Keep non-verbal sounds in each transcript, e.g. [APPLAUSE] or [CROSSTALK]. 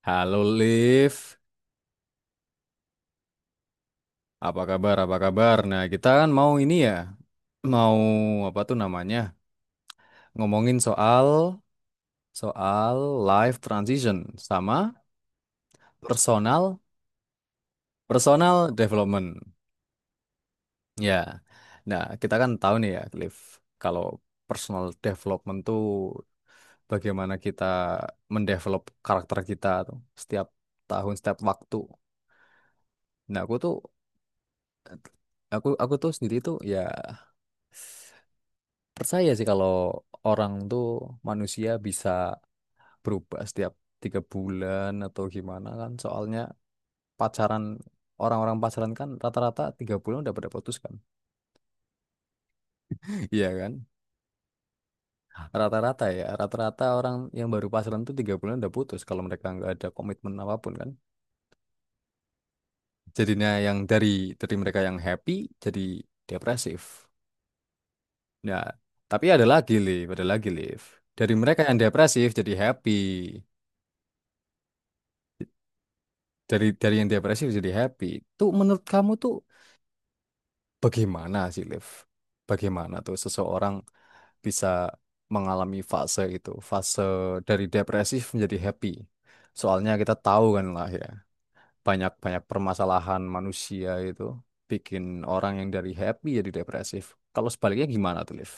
Halo Liv, apa kabar? Apa kabar? Nah, kita kan mau ini ya, mau apa tuh namanya? Ngomongin soal soal life transition sama personal personal development. Ya. Nah, kita kan tahu nih ya, Liv, kalau personal development tuh bagaimana kita mendevelop karakter kita tuh setiap tahun, setiap waktu. Nah, aku tuh sendiri tuh ya percaya sih kalau orang tuh manusia bisa berubah setiap 3 bulan atau gimana kan. Soalnya pacaran orang-orang pacaran kan rata-rata 3 bulan udah pada putus kan. [LAUGHS] Iya kan? Rata-rata ya. Rata-rata orang yang baru pacaran tuh 3 bulan udah putus kalau mereka nggak ada komitmen apapun kan. Jadinya yang dari mereka yang happy jadi depresif. Nah, tapi ada lagi, Liv. Ada lagi, Liv. Dari mereka yang depresif jadi happy. Dari yang depresif jadi happy. Tuh menurut kamu tuh bagaimana sih, Liv? Bagaimana tuh seseorang bisa mengalami fase itu, fase dari depresif menjadi happy? Soalnya kita tahu kan lah ya, banyak-banyak permasalahan manusia itu bikin orang yang dari happy jadi depresif. Kalau sebaliknya gimana tuh, Liv?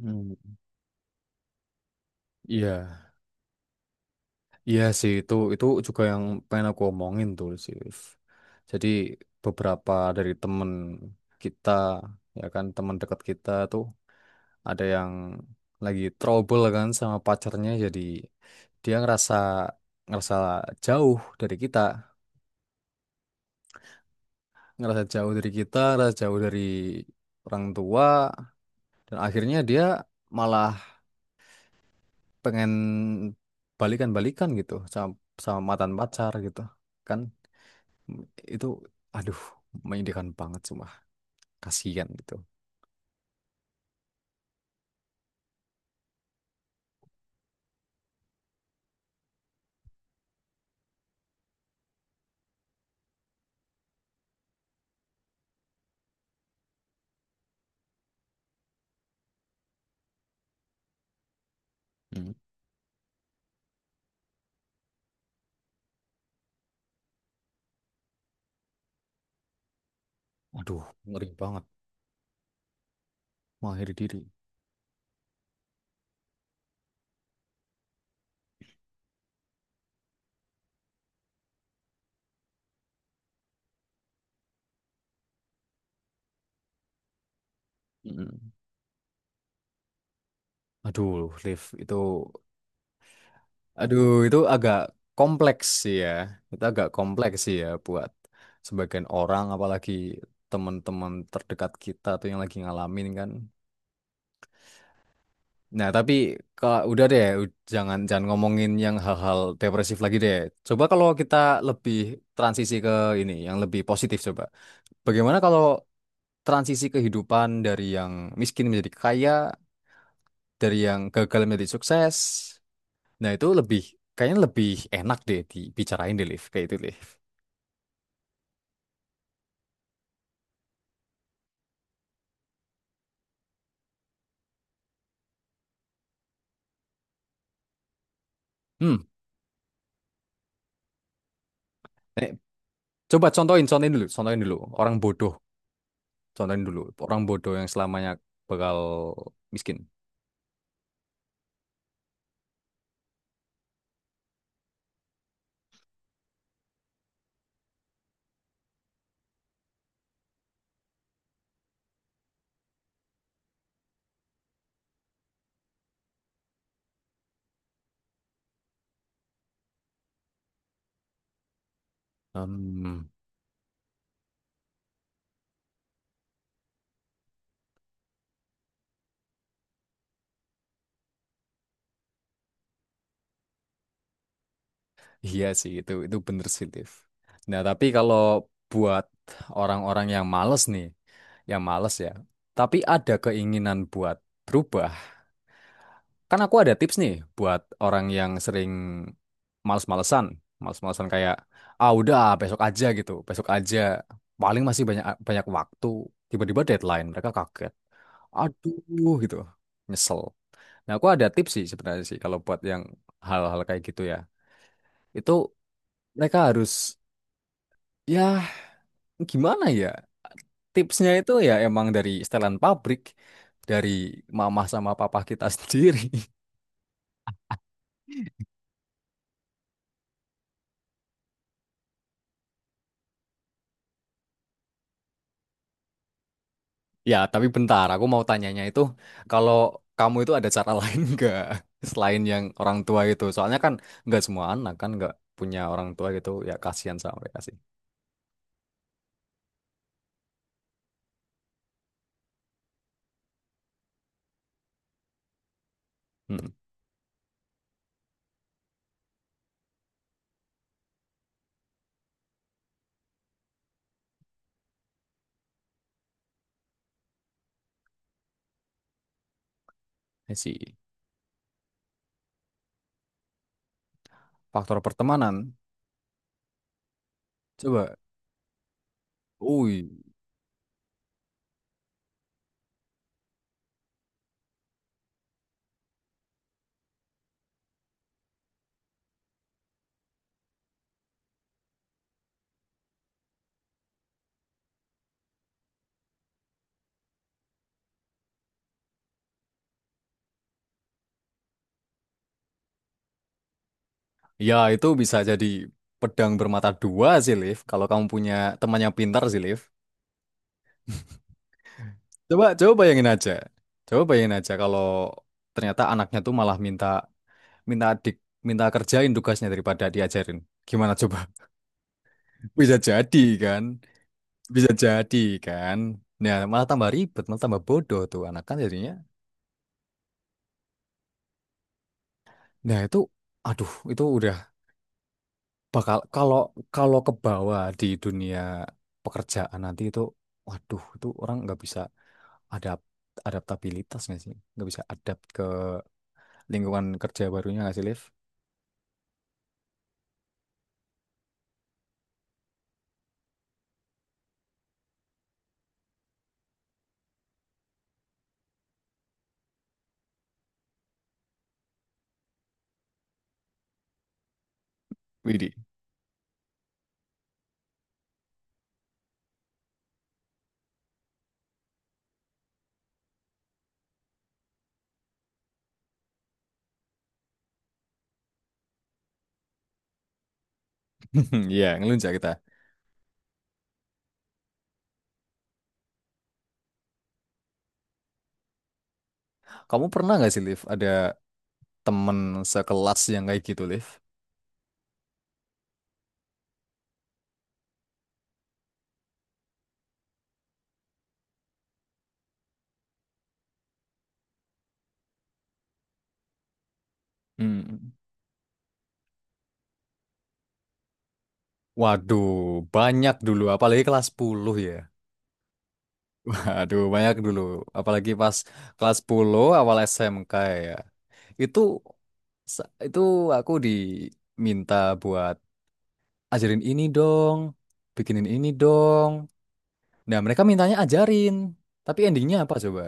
Hmm. Iya. Iya sih itu juga yang pengen aku omongin tuh sih, Liv. Jadi beberapa dari temen kita ya kan teman dekat kita tuh ada yang lagi trouble kan sama pacarnya jadi dia ngerasa ngerasa jauh dari kita, ngerasa jauh dari orang tua dan akhirnya dia malah pengen balikan-balikan gitu sama sama mantan pacar gitu kan. Itu aduh, menyedihkan banget, cuma kasihan gitu. Hmm. Aduh, ngeri banget mengakhiri diri. mm Aduh, live itu, aduh, itu agak kompleks sih ya, itu agak kompleks sih ya buat sebagian orang, apalagi teman-teman terdekat kita tuh yang lagi ngalamin kan. Nah, tapi kalau udah deh, u- jangan jangan ngomongin yang hal-hal depresif lagi deh. Coba kalau kita lebih transisi ke ini yang lebih positif. Coba bagaimana kalau transisi kehidupan dari yang miskin menjadi kaya, dari yang gagal menjadi sukses. Nah, itu lebih, kayaknya lebih enak deh dibicarain deh, Liv. Kayak itu, Liv. Hmm. Eh, coba contohin, contohin dulu, contohin dulu. Orang bodoh, contohin dulu. Orang bodoh yang selamanya bakal miskin. Hmm, iya sih, itu bener sih, Liv. Nah, tapi kalau buat orang-orang yang males nih, yang males ya, tapi ada keinginan buat berubah, kan aku ada tips nih buat orang yang sering males-malesan. Males-malesan kayak, ah udah besok aja gitu, besok aja. Paling masih banyak banyak waktu. Tiba-tiba deadline, mereka kaget. Aduh gitu, nyesel. Nah, aku ada tips sih sebenarnya sih kalau buat yang hal-hal kayak gitu ya. Itu mereka harus, ya gimana ya, tipsnya itu ya emang dari setelan pabrik. Dari mama sama papa kita sendiri. [LAUGHS] Ya, tapi bentar, aku mau tanyanya itu, kalau kamu itu ada cara [LAUGHS] lain nggak selain yang orang tua itu? Soalnya kan nggak semua anak kan nggak punya orang tua gitu, ya kasihan sama mereka sih. Hmm, I see. Faktor pertemanan, coba. Ui, ya itu bisa jadi pedang bermata dua sih, Liv. Kalau kamu punya temannya pintar sih, Liv. Coba, coba bayangin aja. Coba bayangin aja kalau ternyata anaknya tuh malah minta, minta adik, minta kerjain tugasnya daripada diajarin. Gimana coba? Bisa jadi kan, bisa jadi kan. Nah, malah tambah ribet, malah tambah bodoh tuh anak kan jadinya. Nah, itu aduh, itu udah bakal kalau kalau ke bawah di dunia pekerjaan nanti itu waduh, itu orang nggak bisa adapt adaptabilitas nggak sih? Nggak bisa adapt ke lingkungan kerja barunya nggak sih, Liv? Widi. [LAUGHS] Iya, ngelunjak kita. Kamu pernah nggak sih, Liv, ada temen sekelas yang kayak gitu, Liv? Hmm. Waduh, banyak dulu, apalagi kelas 10 ya. Waduh, banyak dulu. Apalagi pas kelas 10 awal SMK ya. Itu itu aku diminta buat ajarin ini dong, bikinin ini dong. Nah, mereka mintanya ajarin. Tapi endingnya apa coba?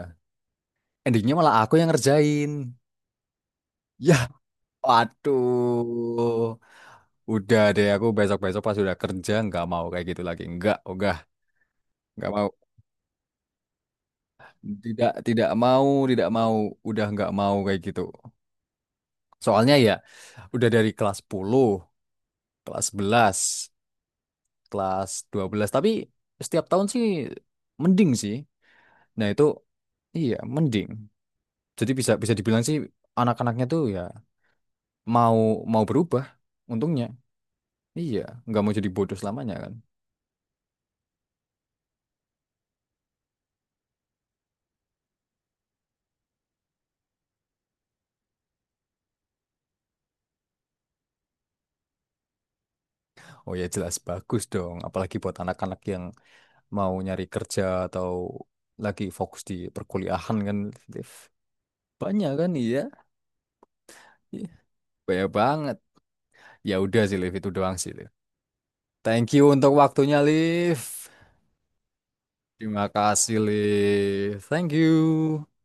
Endingnya malah aku yang ngerjain. Yah, waduh. Udah deh, aku besok-besok pas udah kerja nggak mau kayak gitu lagi. Nggak, udah, nggak mau. Tidak, tidak mau, tidak mau. Udah nggak mau kayak gitu. Soalnya ya udah dari kelas 10, kelas 11, kelas 12, tapi setiap tahun sih mending sih. Nah, itu iya, mending. Jadi bisa bisa dibilang sih anak-anaknya tuh ya mau mau berubah untungnya. Iya, nggak mau jadi bodoh selamanya kan. Oh ya jelas bagus dong, apalagi buat anak-anak yang mau nyari kerja atau lagi fokus di perkuliahan kan, Liv. Banyak kan iya. Iya, banyak banget. Ya udah sih, Liv, itu doang sih, Liv. Thank you untuk waktunya, Liv. Terima kasih, Liv. Thank you.